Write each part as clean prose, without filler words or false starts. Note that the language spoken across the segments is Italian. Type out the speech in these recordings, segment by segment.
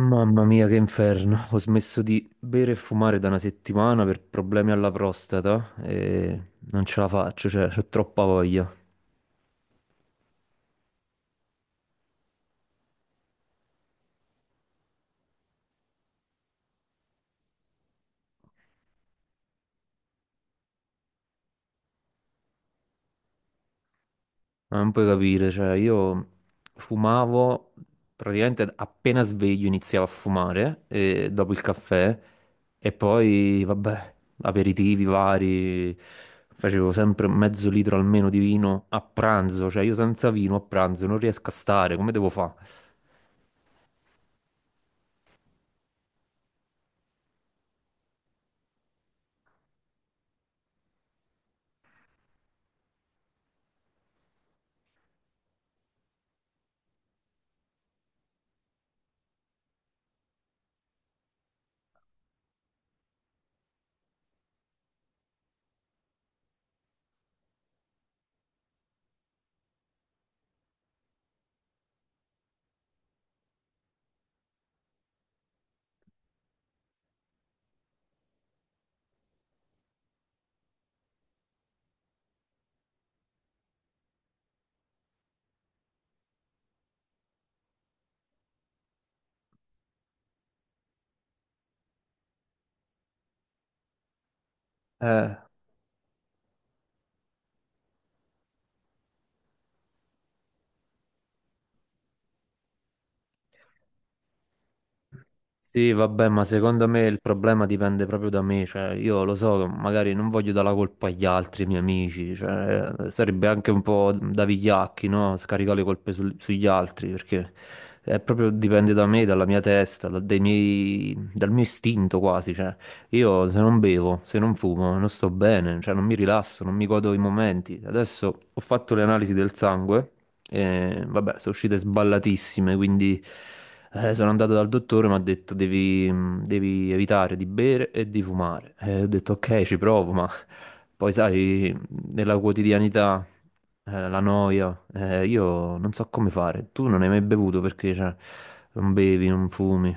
Mamma mia, che inferno. Ho smesso di bere e fumare da una settimana per problemi alla prostata e non ce la faccio, cioè, ho troppa voglia. Ma non puoi capire, cioè, io fumavo praticamente appena sveglio iniziavo a fumare e dopo il caffè e poi, vabbè, aperitivi vari. Facevo sempre mezzo litro almeno di vino a pranzo, cioè io senza vino a pranzo non riesco a stare, come devo fare? Sì, vabbè, ma secondo me il problema dipende proprio da me, cioè io lo so, che magari non voglio dare la colpa agli altri miei amici, cioè sarebbe anche un po' da vigliacchi, no? Scaricare le colpe sugli altri, perché è proprio dipende da me, dalla mia testa, dal mio istinto quasi, cioè io se non bevo, se non fumo, non sto bene, cioè non mi rilasso, non mi godo i momenti. Adesso ho fatto le analisi del sangue. E, vabbè, sono uscite sballatissime, quindi sono andato dal dottore, mi ha detto devi, devi evitare di bere e di fumare. E ho detto ok, ci provo, ma poi sai, nella quotidianità, la noia, io non so come fare. Tu non hai mai bevuto perché cioè, non bevi, non fumi.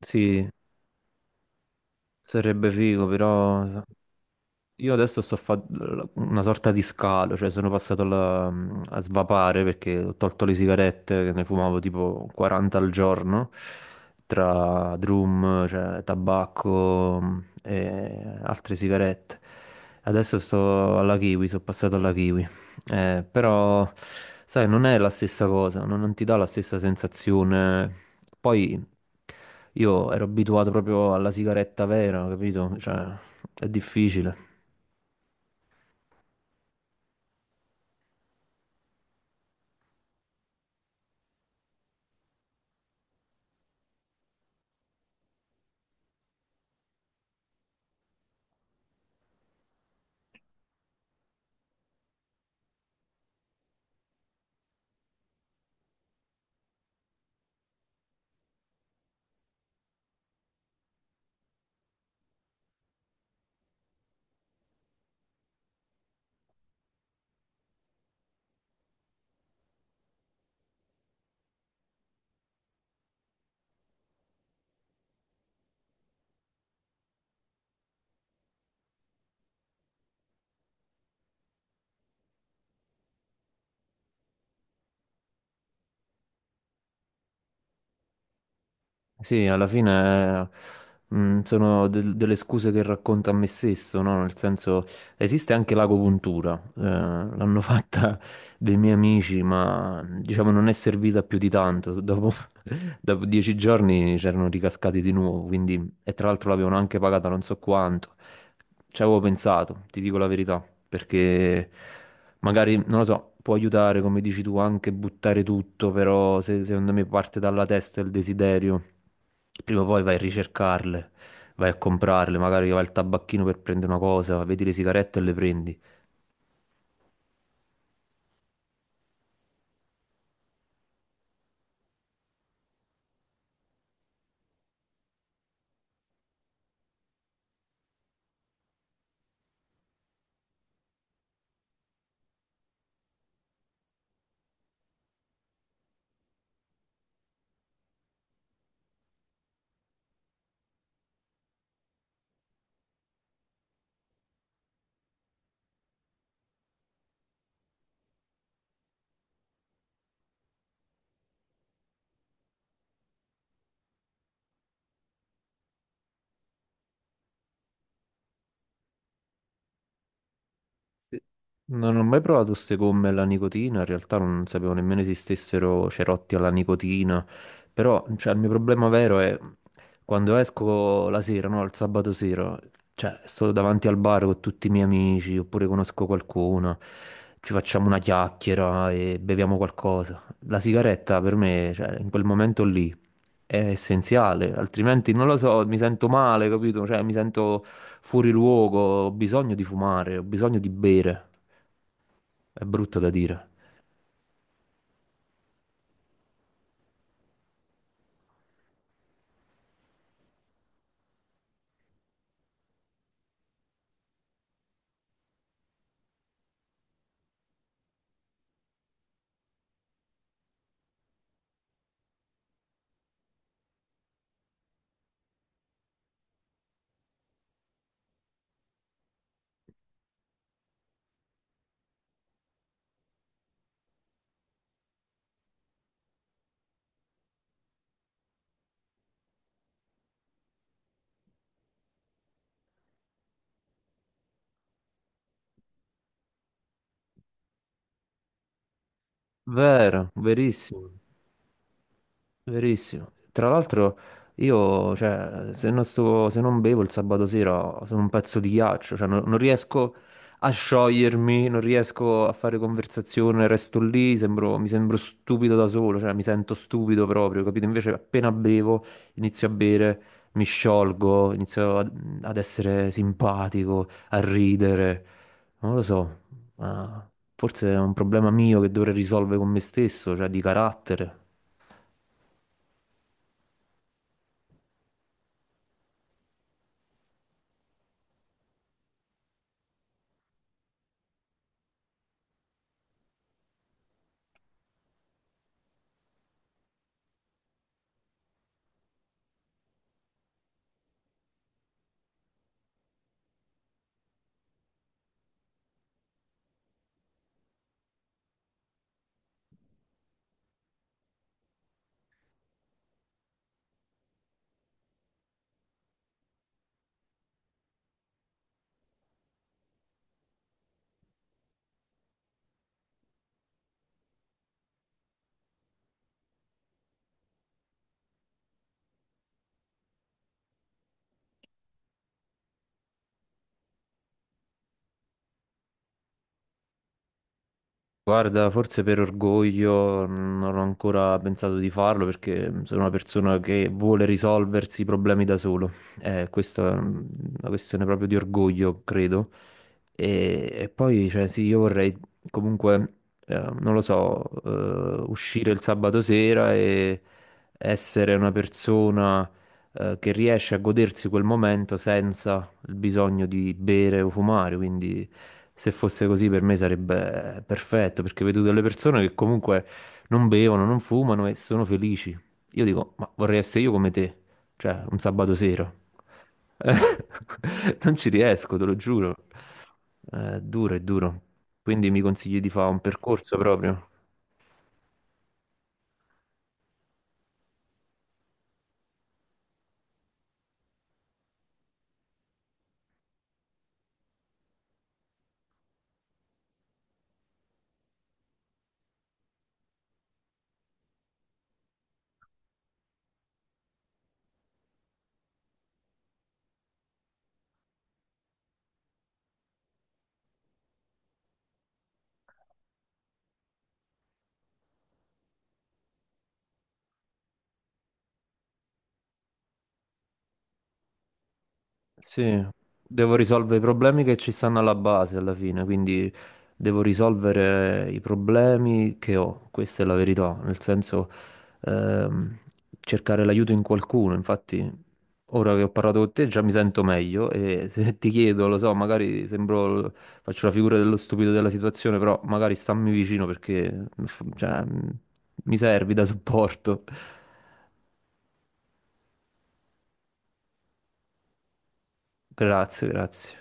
Sì, sarebbe figo, però. Io adesso sto facendo una sorta di scalo, cioè sono passato a svapare perché ho tolto le sigarette, che ne fumavo tipo 40 al giorno, tra drum, cioè tabacco e altre sigarette. Adesso sto alla kiwi, sono passato alla kiwi. Però, sai, non è la stessa cosa, non ti dà la stessa sensazione. Poi io ero abituato proprio alla sigaretta vera, capito? Cioè, è difficile. Sì, alla fine sono delle scuse che racconto a me stesso, no? Nel senso, esiste anche l'agopuntura, l'hanno fatta dei miei amici, ma diciamo non è servita più di tanto. Dopo, dopo 10 giorni c'erano ricascati di nuovo, quindi, e tra l'altro l'avevano anche pagata non so quanto. Ci avevo pensato, ti dico la verità, perché magari, non lo so, può aiutare, come dici tu, anche buttare tutto, però se, secondo me parte dalla testa il desiderio, prima o poi vai a ricercarle, vai a comprarle, magari vai al tabacchino per prendere una cosa, vedi le sigarette e le prendi. Sì. Non ho mai provato queste gomme alla nicotina, in realtà non sapevo nemmeno esistessero cerotti alla nicotina, però cioè, il mio problema vero è quando esco la sera, no, il sabato sera, cioè sto davanti al bar con tutti i miei amici oppure conosco qualcuno, ci facciamo una chiacchiera e beviamo qualcosa. La sigaretta per me, cioè, in quel momento lì È essenziale, altrimenti non lo so, mi sento male, capito? Cioè, mi sento fuori luogo, ho bisogno di fumare, ho bisogno di bere. È brutto da dire. Vero, verissimo. Verissimo. Tra l'altro io, cioè, se non se non bevo il sabato sera sono un pezzo di ghiaccio, cioè non riesco a sciogliermi, non riesco a fare conversazione, resto lì, mi sembro stupido da solo, cioè mi sento stupido proprio, capito? Invece appena bevo, inizio a bere, mi sciolgo, inizio ad essere simpatico, a ridere. Non lo so, ma forse è un problema mio che dovrei risolvere con me stesso, cioè di carattere. Guarda, forse per orgoglio non ho ancora pensato di farlo perché sono una persona che vuole risolversi i problemi da solo. Questa è una questione proprio di orgoglio, credo. E poi, cioè, sì, io vorrei comunque, non lo so, uscire il sabato sera e essere una persona, che riesce a godersi quel momento senza il bisogno di bere o fumare, quindi se fosse così per me sarebbe perfetto, perché vedo delle persone che comunque non bevono, non fumano e sono felici. Io dico, ma vorrei essere io come te, cioè un sabato sera. Eh, Non ci riesco, te lo giuro. Duro, è duro. Quindi mi consigli di fare un percorso proprio. Sì, devo risolvere i problemi che ci stanno alla base alla fine, quindi devo risolvere i problemi che ho, questa è la verità, nel senso ehm, cercare l'aiuto in qualcuno, infatti ora che ho parlato con te già mi sento meglio e se ti chiedo, lo so, magari sembro, faccio la figura dello stupido della situazione, però magari stammi vicino perché cioè, mi servi da supporto. Grazie, grazie.